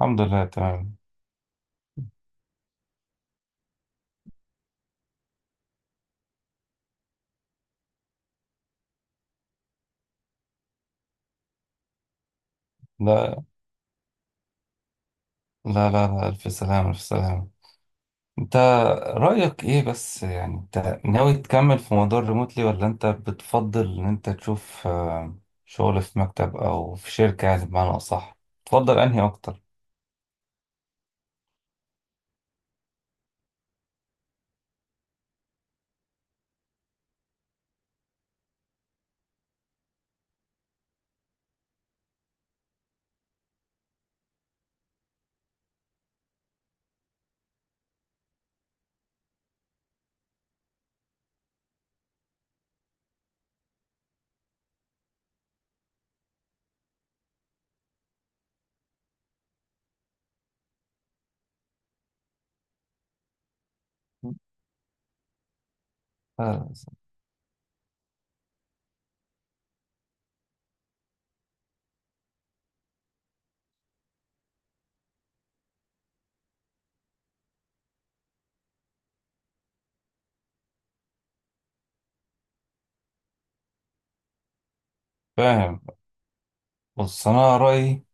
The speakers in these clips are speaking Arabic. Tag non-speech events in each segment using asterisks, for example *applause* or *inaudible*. الحمد لله، تمام. لا لا لا لا، ألف سلامة ألف سلامة. انت رأيك ايه بس؟ يعني انت ناوي تكمل في موضوع الريموتلي ولا انت بتفضل ان انت تشوف شغل في مكتب او في شركة؟ يعني بمعنى اصح تفضل انهي اكتر؟ آه، فاهم. بص، انا رأيي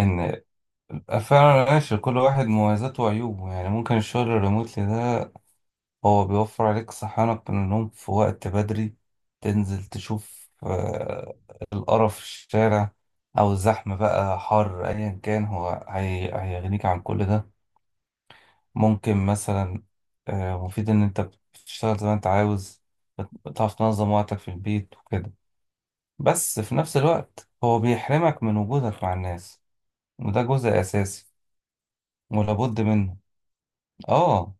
ان فعلا ماشي، كل واحد مميزاته وعيوبه. يعني ممكن الشغل الريموتلي ده هو بيوفر عليك صحيانك من النوم في وقت بدري، تنزل تشوف القرف في الشارع أو الزحمة، بقى حر أيا كان، هو هيغنيك عن كل ده. ممكن مثلا مفيد إن أنت بتشتغل زي ما أنت عاوز، بتعرف تنظم وقتك في البيت وكده. بس في نفس الوقت هو بيحرمك من وجودك مع الناس، وده جزء أساسي ولابد منه. آه.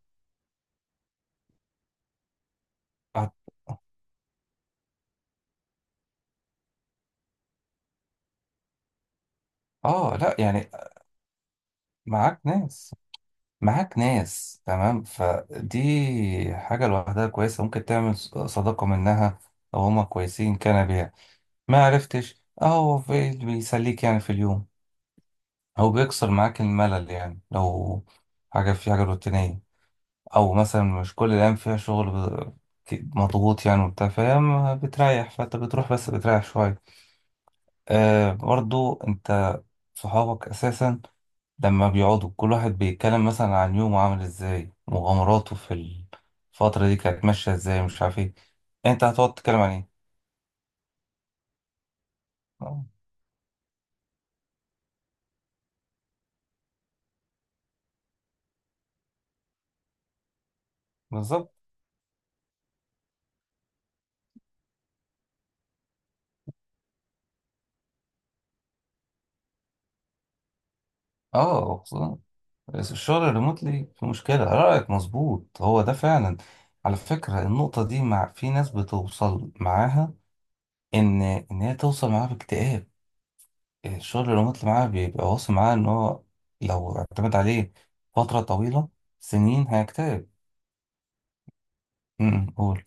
هت- آه، لأ يعني معاك ناس، معاك ناس، تمام. فدي حاجة لوحدها كويسة، ممكن تعمل صداقة منها أو هما كويسين كان بيها. ما عرفتش أهو اللي بيسليك يعني في اليوم أو بيكسر معاك الملل، يعني لو حاجة، في حاجة روتينية أو مثلا مش كل الأيام فيها شغل مضغوط يعني وبتاع، فاهم، بتريح، فأنت بتروح بس بتريح شوية. آه، برضو أنت صحابك أساسا لما بيقعدوا كل واحد بيتكلم مثلا عن يومه عامل ازاي، مغامراته في الفترة دي كانت ماشية ازاي، مش عارف ايه. انت هتقعد تتكلم عن ايه؟ آه، بالظبط. اه، خصوصاً الشغل الريموتلي في مشكلة، رأيك مظبوط، هو ده فعلا. على فكرة النقطة دي مع في ناس بتوصل معاها ان هي توصل معاها باكتئاب، الشغل الريموتلي معاها بيبقى واصل معاها ان هو لو اعتمد عليه فترة طويلة سنين هيكتئب. م- م، قول.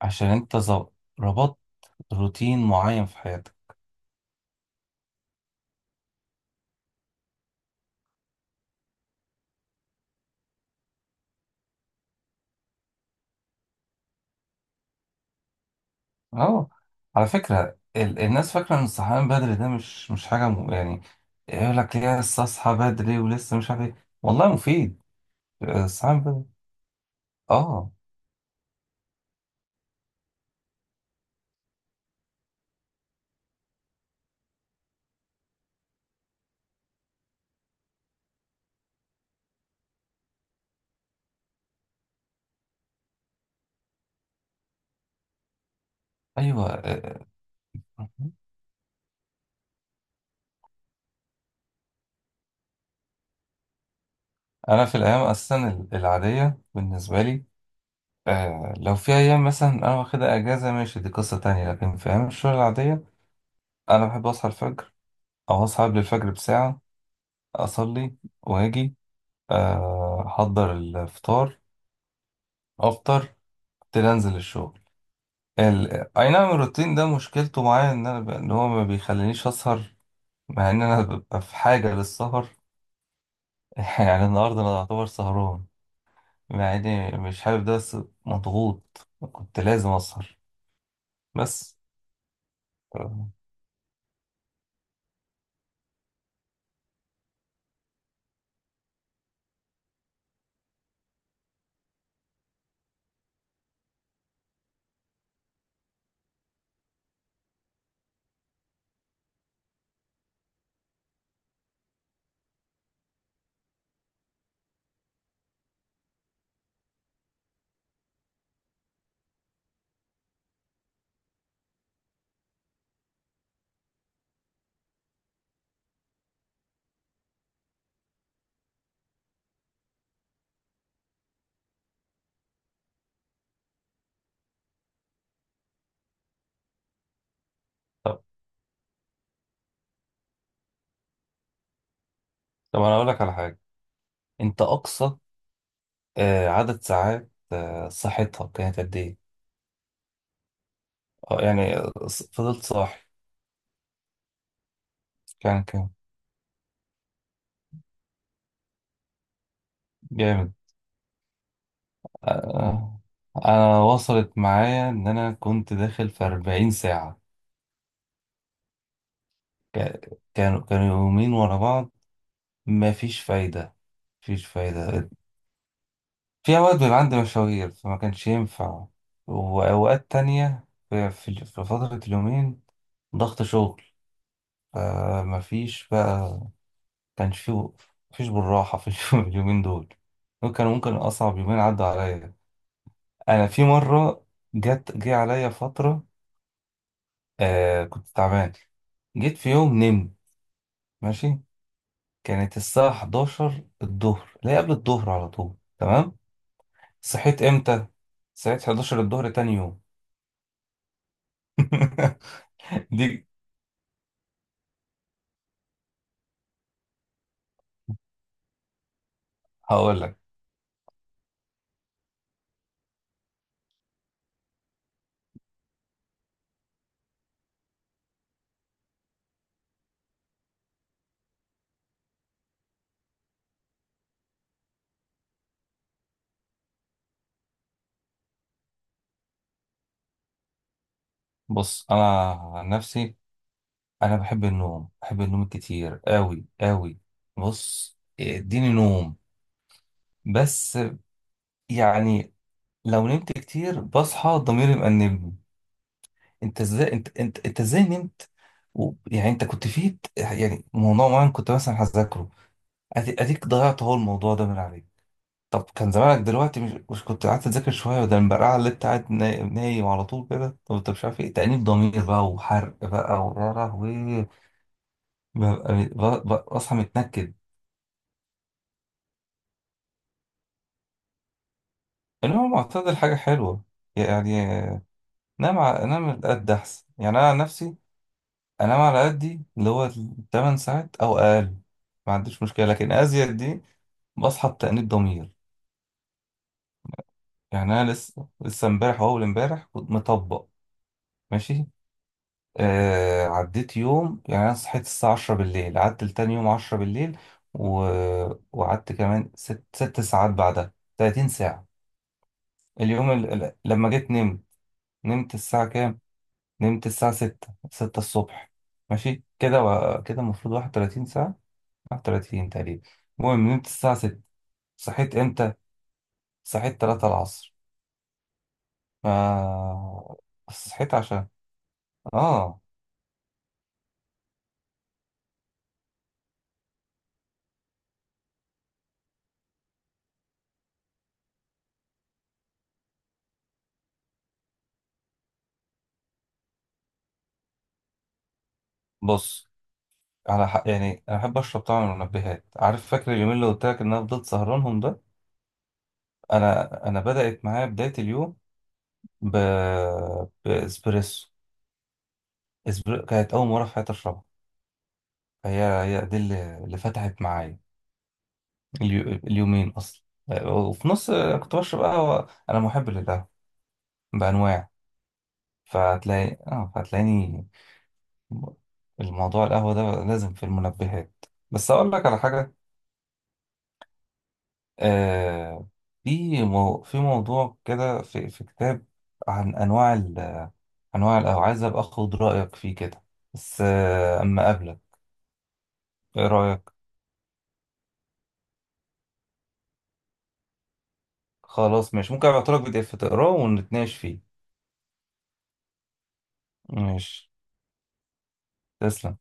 عشان انت ربطت روتين معين في حياتك. اه، على فكرة الناس فاكرة ان الصحيان بدري ده مش حاجة يعني يقول لك لسه اصحى بدري ولسه مش عارف ايه. والله مفيد الصحيان بدري. اه. ايوه. آه. آه. انا في الايام اصلا العادية بالنسبة لي، آه لو في ايام مثلا انا واخدها اجازة ماشي، دي قصة تانية، لكن في ايام الشغل العادية انا بحب اصحى الفجر او اصحى قبل الفجر بساعة، اصلي واجي احضر الفطار، افطر، ابتدي انزل الشغل. اي نعم، الروتين ده مشكلته معايا ان ان هو ما بيخلينيش اسهر مع ان انا ببقى في حاجه للسهر. *laughs* يعني النهارده انا اعتبر سهران مع اني مش حابب ده، بس مضغوط كنت لازم اسهر. بس آه، طب، طب انا اقول لك على حاجه. انت اقصى عدد ساعات صحتها كانت قد ايه؟ يعني فضلت صاحي، كان كام؟ جامد. آه، انا وصلت معايا ان انا كنت داخل في 40 ساعة. كانوا يومين ورا بعض، مفيش فايدة، مفيش فايدة. في اوقات بيبقى عندي مشاوير فما كانش ينفع، واوقات تانية في في فترة اليومين ضغط شغل، فمفيش بقى كانش في، مفيش بالراحة في *laughs* اليومين دول. دول كانوا ممكن اصعب يومين عدوا عليا. انا في مرة جه عليا فترة، آه كنت تعبان. جيت في يوم نمت ماشي، كانت الساعة 11 الظهر لا قبل الظهر، على طول، تمام. صحيت امتى؟ صحيت 11 الظهر تاني يوم. *laughs* دي هقول لك. بص، انا عن نفسي انا بحب النوم، بحب النوم كتير قوي قوي. بص اديني نوم، بس يعني لو نمت كتير بصحى ضميري مأنبني. انت ازاي؟ انت ازاي نمت و... يعني انت كنت فيه، يعني موضوع معين كنت مثلا هذاكره، اديك ضيعت اهو الموضوع ده من عليك. طب كان زمانك دلوقتي مش كنت قعدت تذاكر شويه، وده البرقعه اللي انت قاعد نايم على طول كده. طب انت مش عارف ايه تأنيب ضمير بقى وحرق بقى ويا لهوي. ببقى بصحى متنكد. انما المعتدل حاجه حلوه، يعني نام على قد احسن. يعني انا عن نفسي انام على قدي اللي هو 8 ساعات او اقل، ما عنديش مشكله، لكن ازيد دي بصحى بتأنيب ضمير. يعني انا لسه امبارح واول امبارح كنت مطبق ماشي. آه، عديت يوم، يعني أنا صحيت الساعة 10 بالليل، قعدت لتاني يوم 10 بالليل و... وقعدت كمان 6 ساعات بعدها، 30 ساعة. اليوم لما جيت نمت، نمت الساعة كام؟ نمت الساعة 6، 6 الصبح ماشي كده، و... كده المفروض 31 ساعة، 31 تقريبا. المهم نمت الساعة 6، صحيت امتى؟ صحيت 3 العصر. آه... صحيت عشان اه. بص، على حق، يعني انا بحب اشرب طبعا من المنبهات، عارف، فاكر اليومين اللي قلت لك ان انا فضلت سهرانهم ده، انا بدات معايا بدايه اليوم ب... باسبريسو. كانت اول مره في حياتي اشربها، هي دي اللي فتحت معايا اليومين اصلا. وفي نص كنت بشرب قهوه، انا محب للقهوه بانواع. فهتلاقي اه، فهتلاقيني الموضوع القهوه ده لازم في المنبهات. بس اقول لك على حاجه. آه، في موضوع كده، في كتاب عن انواع انواع القهوه، عايز ابقى اخد رايك فيه كده، بس اما قبلك، ايه رايك؟ خلاص ماشي، ممكن ابعتلك بي دي اف تقراه ونتناقش فيه. ماشي، تسلم.